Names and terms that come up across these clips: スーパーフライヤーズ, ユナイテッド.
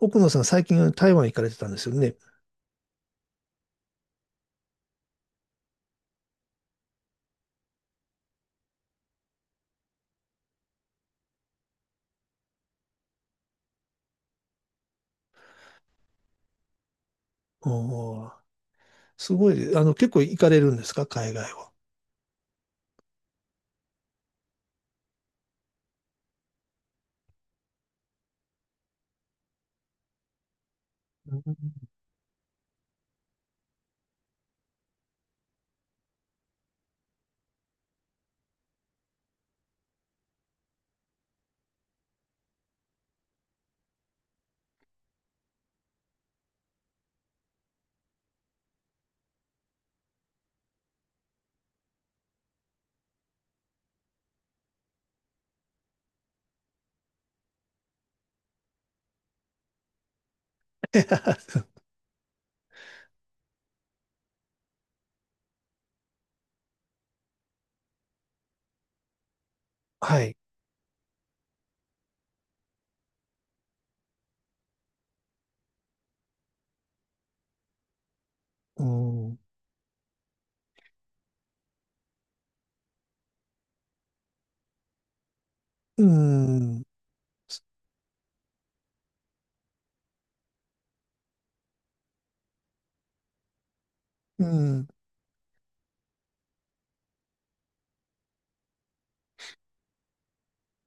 奥野さん、最近台湾行かれてたんですよね。おー、すごい、結構行かれるんですか、海外は。うん。 はい。うん。うん。うん。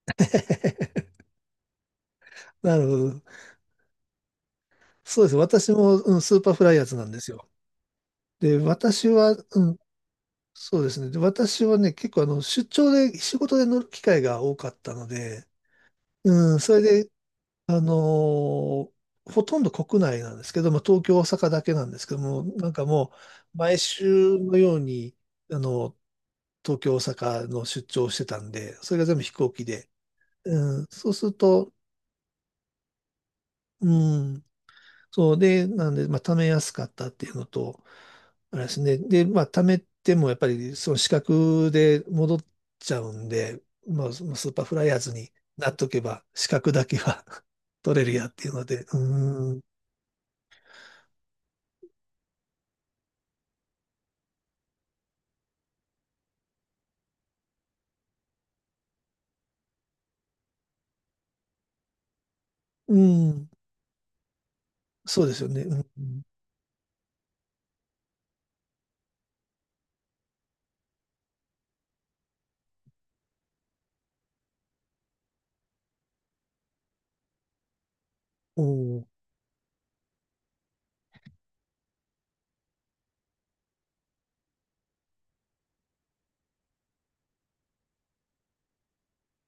なるほど。そうです。私も、うん、スーパーフライヤーズなんですよ。で、私は、うん、そうですね。で、私はね、結構出張で、仕事で乗る機会が多かったので、うん、それで、あのーほとんど国内なんですけど、まあ、東京、大阪だけなんですけども、なんかもう、毎週のように、あの、東京、大阪の出張をしてたんで、それが全部飛行機で、うん、そうすると、うん、そうで、なんで、まあ、貯めやすかったっていうのと、あれですね。で、まあ、貯めてもやっぱりその資格で戻っちゃうんで、まあ、そのスーパーフライヤーズになっとけば、資格だけは 取れるやっていうので、うーん、うーん、そうですよね。うん、おー、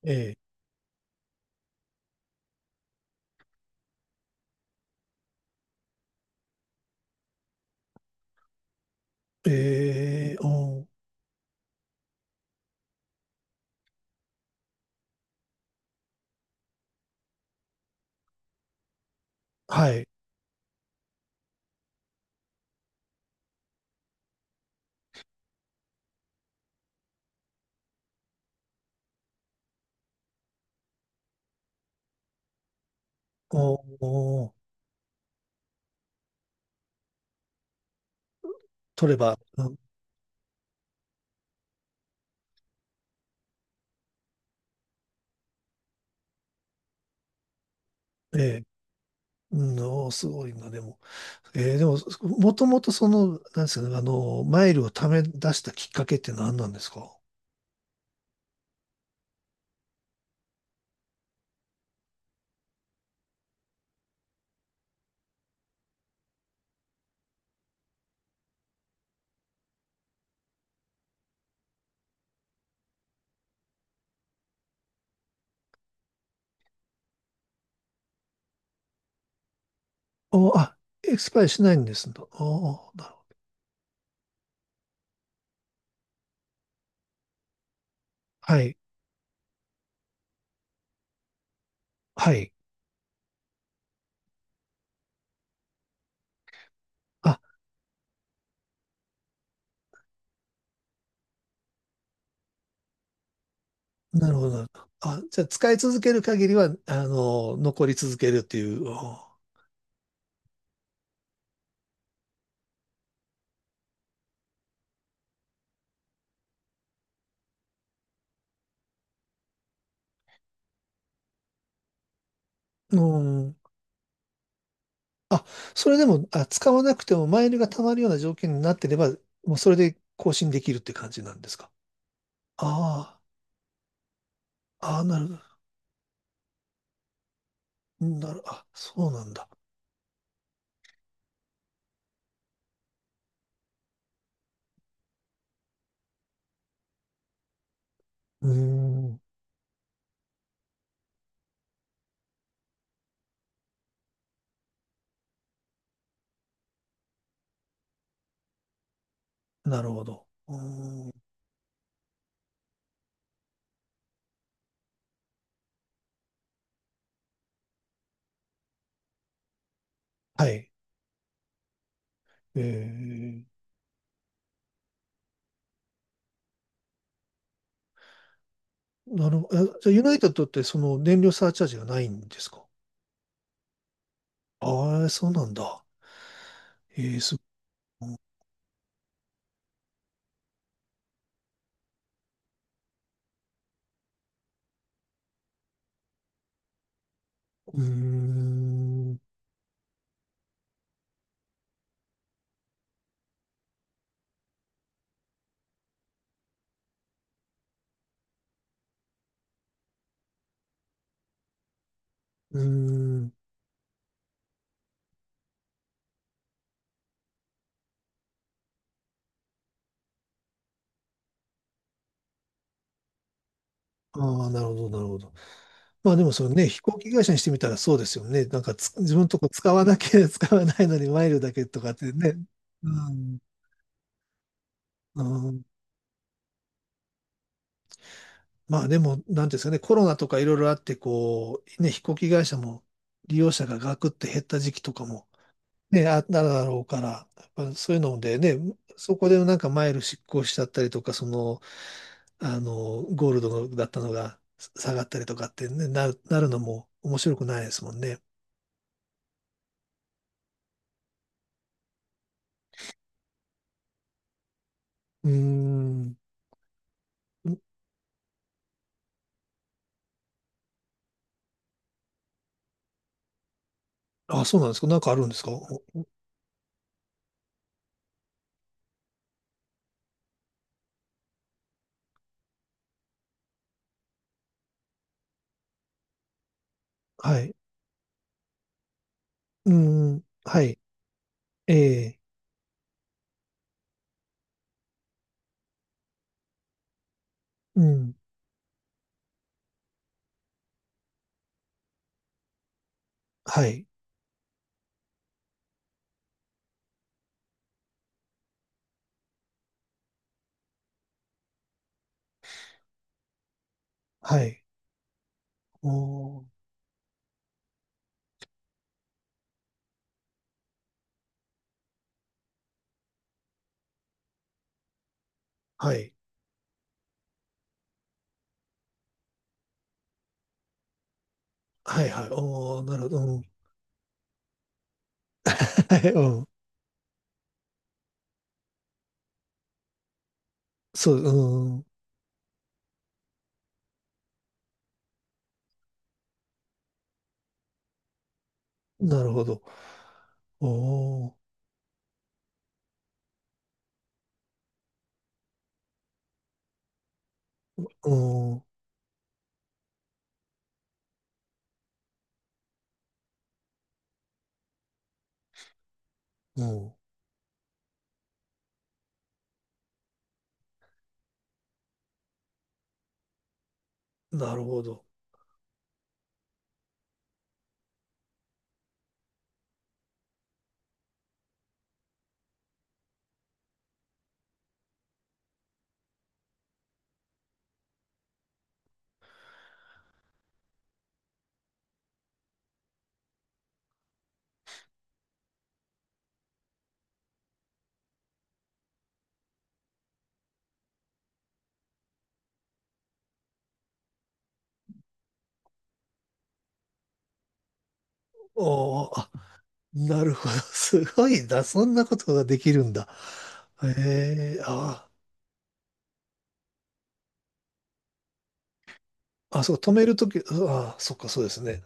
ええ、ええ、おー、はい、おー、おー、取れば、うん、ええ、うん、おー、すごいな、でも。えー、でも、もともとその、なんですかね、マイルを貯め出したきっかけって何なんですか？お、あ、エクスパイアしないんですと、お、なるほど。はい。はい。あ、なるほど。なるほど、あ、じゃあ、使い続ける限りは、残り続けるっていう。お、うん。あ、それでも、あ、使わなくてもマイルが貯まるような条件になってれば、もうそれで更新できるって感じなんですか？ああ、ああ、なるほど。なる、あ、そうなんだ。うーん。なるほど。うーん、はい。えー、なるほど。あ、じゃあ、ユナイテッドってその燃料サーチャージがないんですか？ああ、そうなんだ。えー、す、うーん、うーん。ああ、なるほど、なるほど。まあでもそれね、飛行機会社にしてみたらそうですよね。なんかつ自分のとこ使わなきゃ 使わないのにマイルだけとかってね。うん、うん。まあでも、なんていうんですかね、コロナとかいろいろあって、こう、ね、飛行機会社も利用者がガクって減った時期とかもね、あ、なるだろうから、やっぱそういうのでね、そこでなんかマイル失効しちゃったりとか、その、ゴールドだったのが下がったりとかってね、なる、なるのも面白くないですもんね。うーん。あ、そうなんですか。なんかあるんですか。お、はい。うーん。はい。ええ。うん。はい。はい。おー。はい。はい。はい。おー。なるほど。うん。はい。うん。そう。うん。なるほど。おー。うん。うん。なるほど。おー、あ、なるほど。すごいな。そんなことができるんだ。ええ、あー、あ、そう、止めるとき、あ、あ、そっか、そうですね。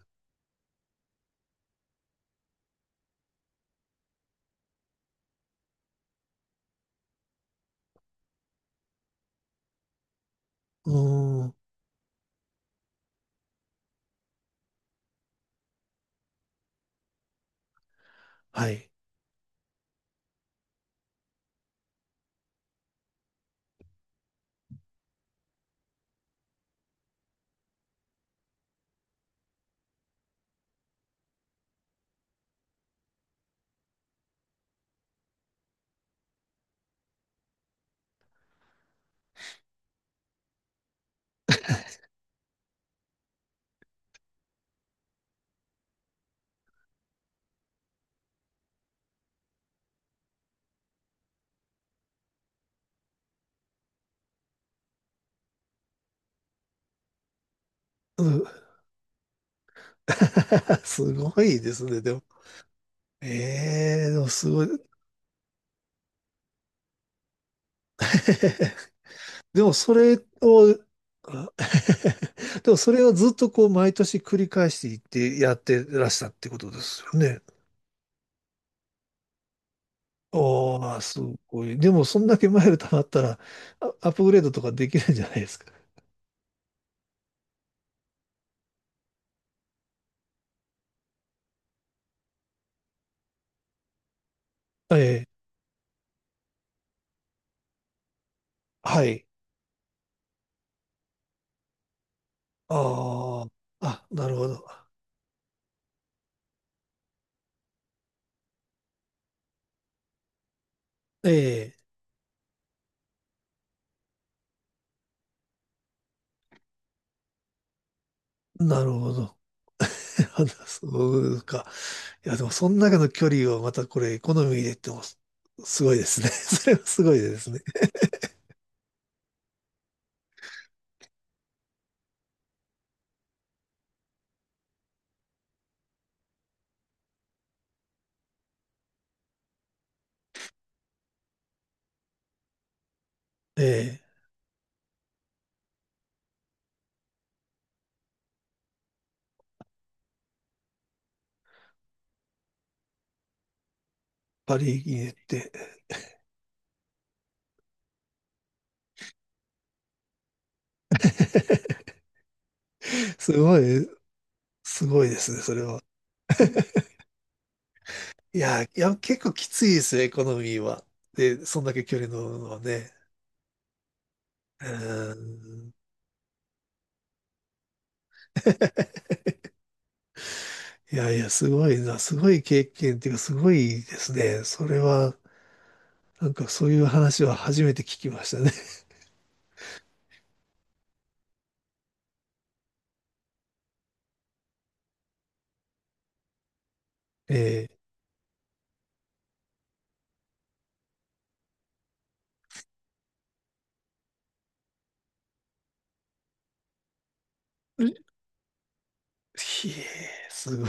うーん、はい。うん、すごいですね、でも。ええ、でもすごい。でもそれを、あ。 でもそれをずっとこう毎年繰り返していってやってらしたってことですよね。ああ、すごい。でもそんだけマイル貯まったら、あ、アップグレードとかできるんじゃないですか。ええ、はい。ああ、あ、なるほど。ええ、なるほど。あ、そうか。いや、でも、その中の距離をまたこれ、エコノミーで言っても、す、すごいですね。それはすごいですね。ええ、パリ行ネって。すごい、すごいですね、それは。いや、いや、結構きついですよ、エコノミーは。で、そんだけ距離乗るのはね。うーん。いやいや、すごいな、すごい経験っていうか、すごいですね。それは、なんかそういう話は初めて聞きましたね。え、ええ、すごい。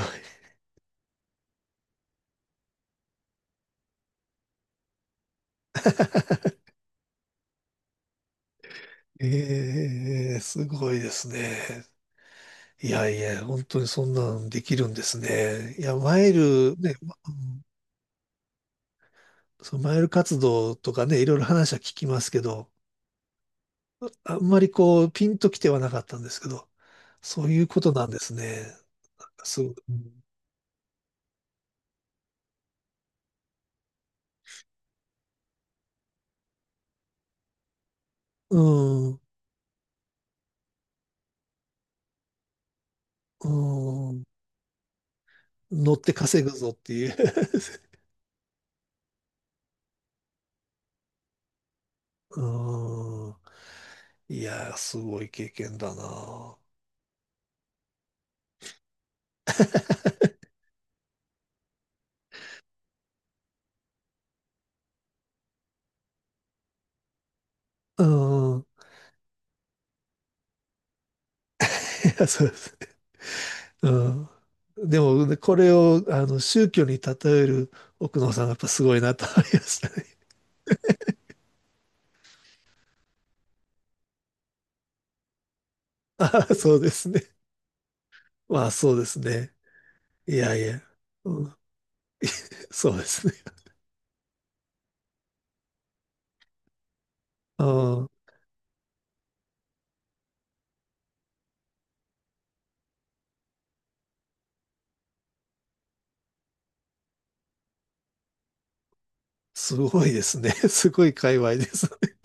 ええ、すごいですね。いやいや、本当にそんなんできるんですね。いや、マイル、ね、ま、うん、そのマイル活動とかね、いろいろ話は聞きますけど、あんまりこう、ピンときてはなかったんですけど、そういうことなんですね。すごい。うん、うん、乗って稼ぐぞっていう。うん、いやー、すごい経験だな。うん。いや、そうですね、うん。でも、ね、これを、宗教に例える奥野さんがやっぱすごいなと思いましたね。ああ、そうですね。まあ、そうですね。いやいや。うん、そうですね。うん。すごいですね。すごい界隈です。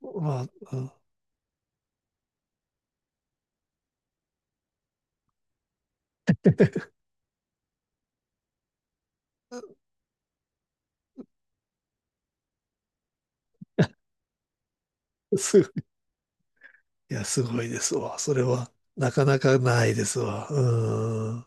まあ、うん、すごい。いや、すごいですわ。それは、なかなかないですわ。うん。